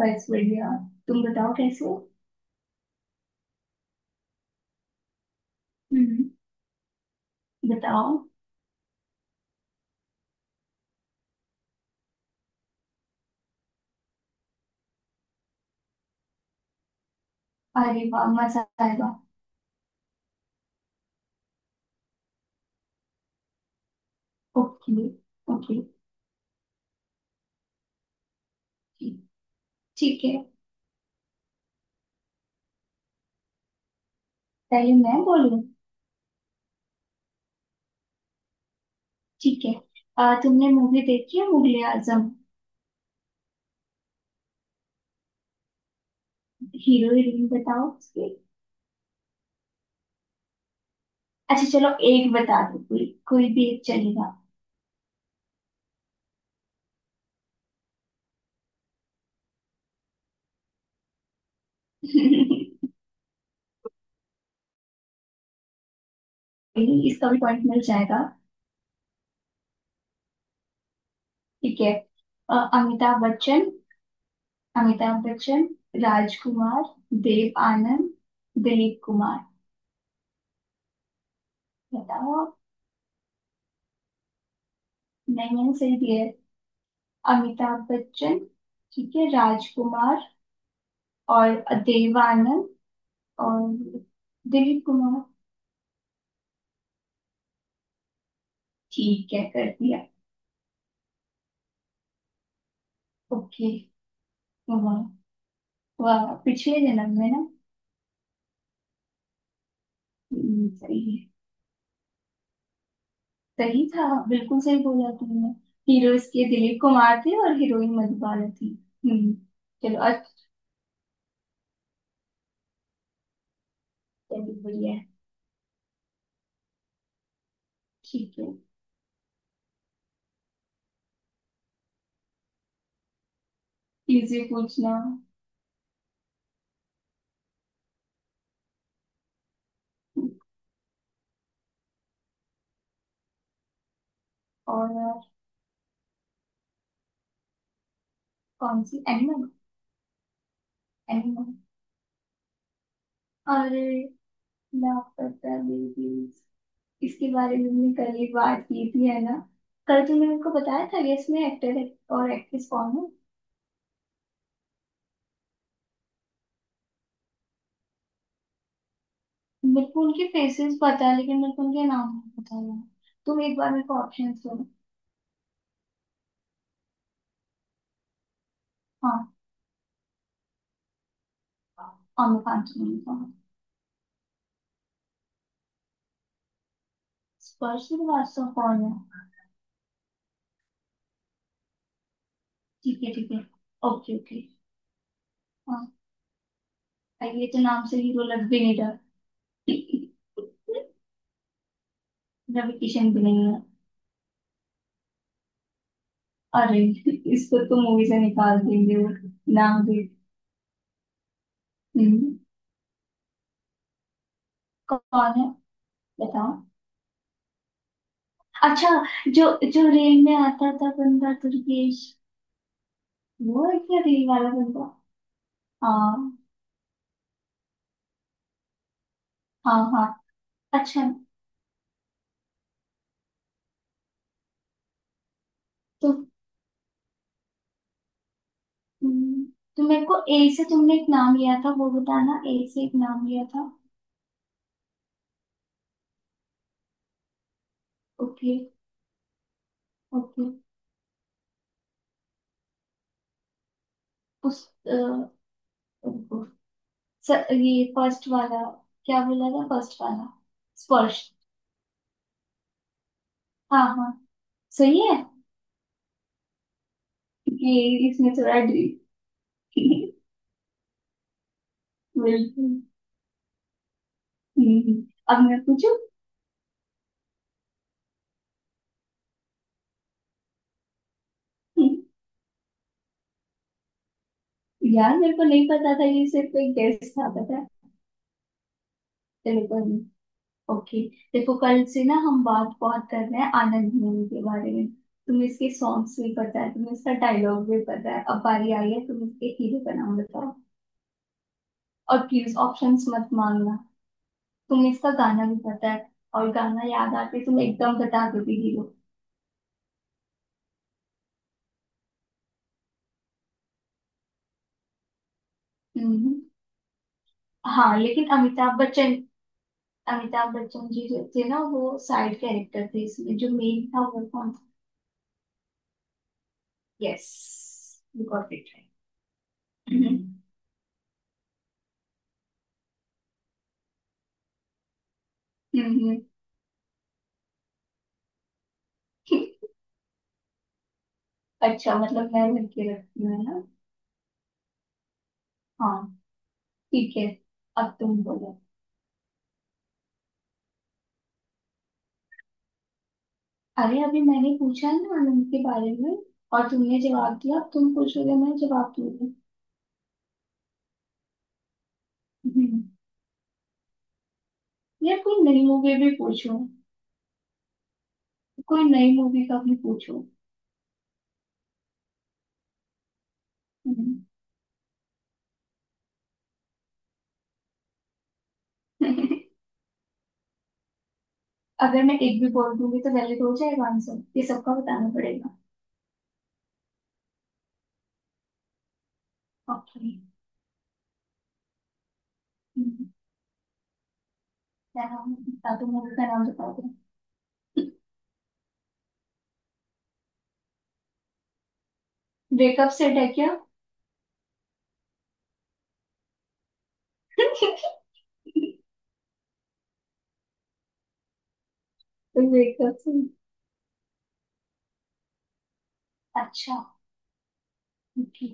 बस बढ़िया। तुम बताओ कैसे हो? हम्म। बताओ। अरे वाह मजा आएगा। ओके। ओके। ठीक। ठीक है। पहले मैं बोलूं। ठीक है। तुमने मूवी देखी है मुगले आजम। हीरो हीरोइन बताओ उसके। अच्छा चलो एक बता दो कोई कोई भी एक चलेगा। नहीं, इसका भी पॉइंट मिल जाएगा। ठीक है। अमिताभ बच्चन। अमिताभ बच्चन। राजकुमार। देव आनंद। दिलीप कुमार। बताओ। नहीं मैंने सही दिया है। अमिताभ बच्चन। ठीक है राजकुमार। और देव आनंद। और दिलीप कुमार। ठीक है कर दिया। ओके। वाह। वाह पिछले जन्म में ना। सही है। सही था। बिल्कुल सही बोला तुमने। हीरोज के दिलीप कुमार थे और हीरोइन मधुबाला थी। हम्म। चलो अच्छा। चलो बढ़िया है। ठीक है। इजी पूछना। और कौन सी एनिमल। एनिमल। अरे लापता बेबीज। इसके बारे में हमने कल ही बात की थी है ना। कल तुमने मेरे को बताया था कि इसमें एक्टर और एक्ट्रेस कौन है। मेरे को उनके फेसेस पता है लेकिन मेरे को उनके नाम नहीं पता है। तुम एक बार मेरे को ऑप्शन दो। हाँ। आमिर खान सुनील कौन। स्पर्श श्रीवास्तव कौन है। ठीक है ठीक है। Okay okay. हाँ। अरे ये तो नाम से हीरो लग भी नहीं रहा। रवि किशन भी नहीं है। अरे। इसको तो मूवी से निकाल देंगे वो। नाम भी। हम्म, कौन है। बताओ। अच्छा जो जो रेल में आता था बंदा दुर्गेश। वो है क्या रेल वाला बंदा। हाँ हाँ। हाँ। अच्छा। तो हम्म, तो मेरे को ए से तुमने एक नाम लिया था वो बताना ए से एक नाम लिया था। Okay okay. उस अ, रुको। ये फर्स्ट वाला। क्या बोला था फर्स्ट वाला। स्पर्श। हाँ हाँ। सही है। ये इसमें थोड़ा डी बिल्कुल। हम्म, हम्म। अब मैं पूछू। यार मेरे को नहीं पता था ये सिर्फ एक गेस्ट था पता है। चलो कोई नहीं। ओके। देखो कल से ना हम बात बहुत कर रहे हैं आनंद मूवी के बारे में। तुम्हें इसके सॉन्ग्स भी पता है तुम्हें इसका डायलॉग भी पता है अब बारी आई है तुम इसके हीरो का नाम बताओ। और प्लीज ऑप्शंस मत मांगना। तुम्हें इसका गाना भी पता है। और गाना याद आते तुम एकदम बता दोगे हीरो। हम्म। हाँ लेकिन अमिताभ बच्चन। अमिताभ बच्चन जी जो थे ना वो साइड कैरेक्टर थे इसमें जो मेन था वो कौन था। Yes. You got it. Hmm. Hmm. Hmm. अच्छा मतलब मैं लड़के रखती हूँ है ना। हाँ। ठीक है अब तुम बोलो। अरे अभी मैंने पूछा ना आनंद के बारे में और तुमने जवाब दिया अब तुम पूछोगे मैं जवाब दूंगी। हम्म। यार कोई नई मूवी भी पूछो। कोई नई मूवी का भी पूछो। हम्म। अगर मैं एक भी बोल दूंगी तो वैलिड हो जाएगा आंसर ये सबका बताना पड़ेगा। ओके। हम्म। क्या नाम बता दो मूवी का नाम बता दो। वेकअप सेट है क्या वेकअप सेट। अच्छा। जी।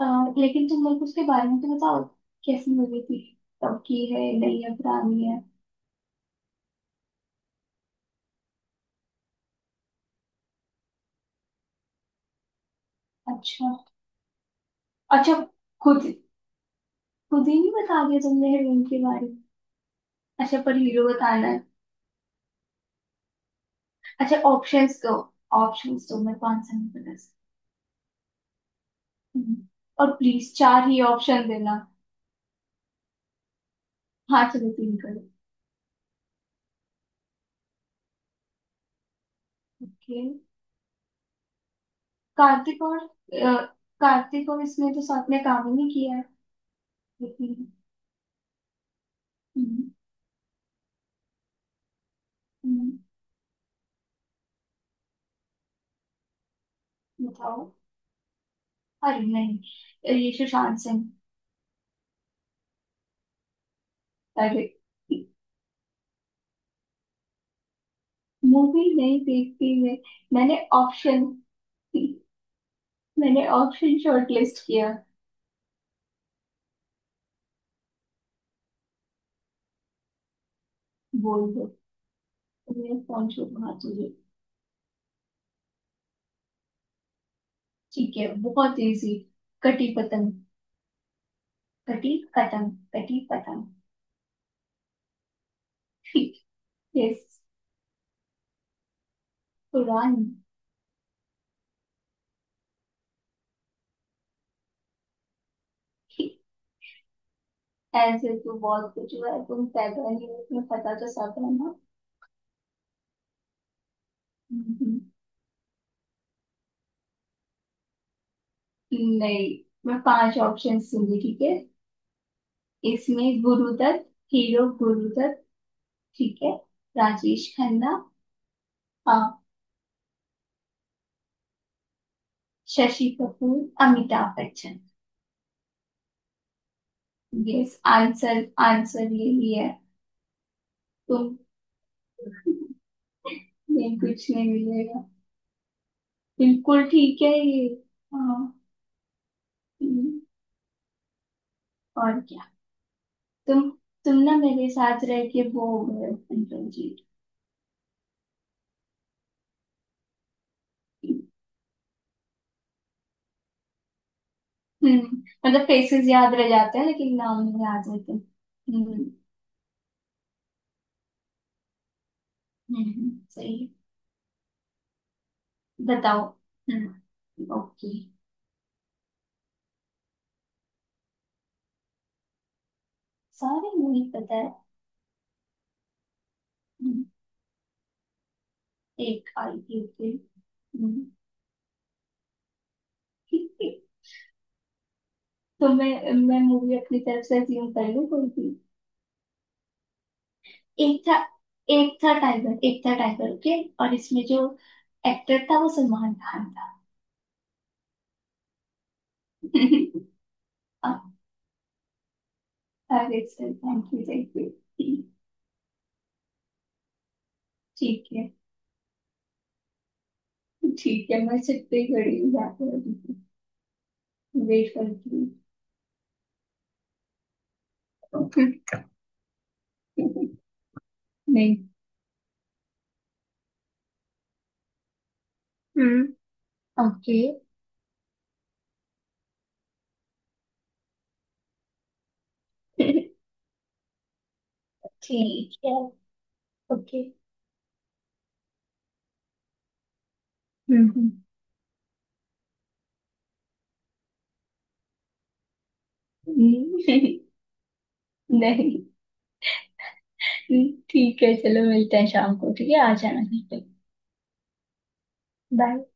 अ, लेकिन तुम लोग उसके बारे में तो बताओ। कैसी मूवी थी। तब की है नई है पुरानी है। अच्छा। अच्छा। खुद खुद ही नहीं बता दिया तुमने हीरोइन के बारे में। अच्छा पर हीरो बताना है। अच्छा ऑप्शंस दो। ऑप्शंस दो मेरे को आंसर नहीं पता इसका। हम्म। और प्लीज चार ही ऑप्शन देना। हाँ चलो तीन करो। ओके। कार्तिक और अ, कार्तिक और इसने तो साथ में काम ही नहीं किया है। लेकिन। हम्म, हम्म, बताओ। अरे नहीं ये सुशांत सिंह। अरे। मूवी नहीं देखती मैं। मैंने ऑप्शन मैंने ऑप्शन शॉर्टलिस्ट किया। बोल दो। मैं फोन छोड़ हाँ तुझे। ठीक है बहुत इजी। कटी पतंग। कटी पतंग। कटी पतंग। ठीक। यस। पुरानी। ठीक, ऐसे तो बहुत कुछ हुआ है तुम पैदा नहीं हो तुम्हें पता तो सब है ना। हम्म, नहीं। मैं पांच ऑप्शन दूंगी ठीक है। इसमें गुरुदत्त हीरो गुरुदत्त। ठीक है। राजेश खन्ना। हाँ। Shashi Kapoor. Amitabh Bachchan. Yes answer answer यही है। तुम। ये कुछ नहीं मिलेगा। बिल्कुल ठीक है ये। हाँ। हम्म, और क्या। तुम तुम ना मेरे साथ रह के वो हो गए हो, अंकल जी। हम्म। मतलब फेसेस याद रह जाते हैं लेकिन नाम नहीं याद रहते। हम्म। सही है। बताओ। हम्म। ओके। सारे नहीं पता है। हम्म। एक आई थी ओके। हम्म, तो मैं मूवी अपनी तरफ से अज्यूम कर लूँ कोई भी। एक था। एक था टाइगर ओके और इसमें जो एक्टर था वो सलमान खान था। अरे sir thank you thank you. ठीक है। ठीक है मैं छत पे ही खड़ी हूँ यहाँ पे अभी। वेट करती हूँ। नहीं। हम्म। ओके। ठीक है। ओके। हम्म। हम्म। नहीं ठीक है चलो मिलते हैं शाम को ठीक है आ जाना घर पे। बाय।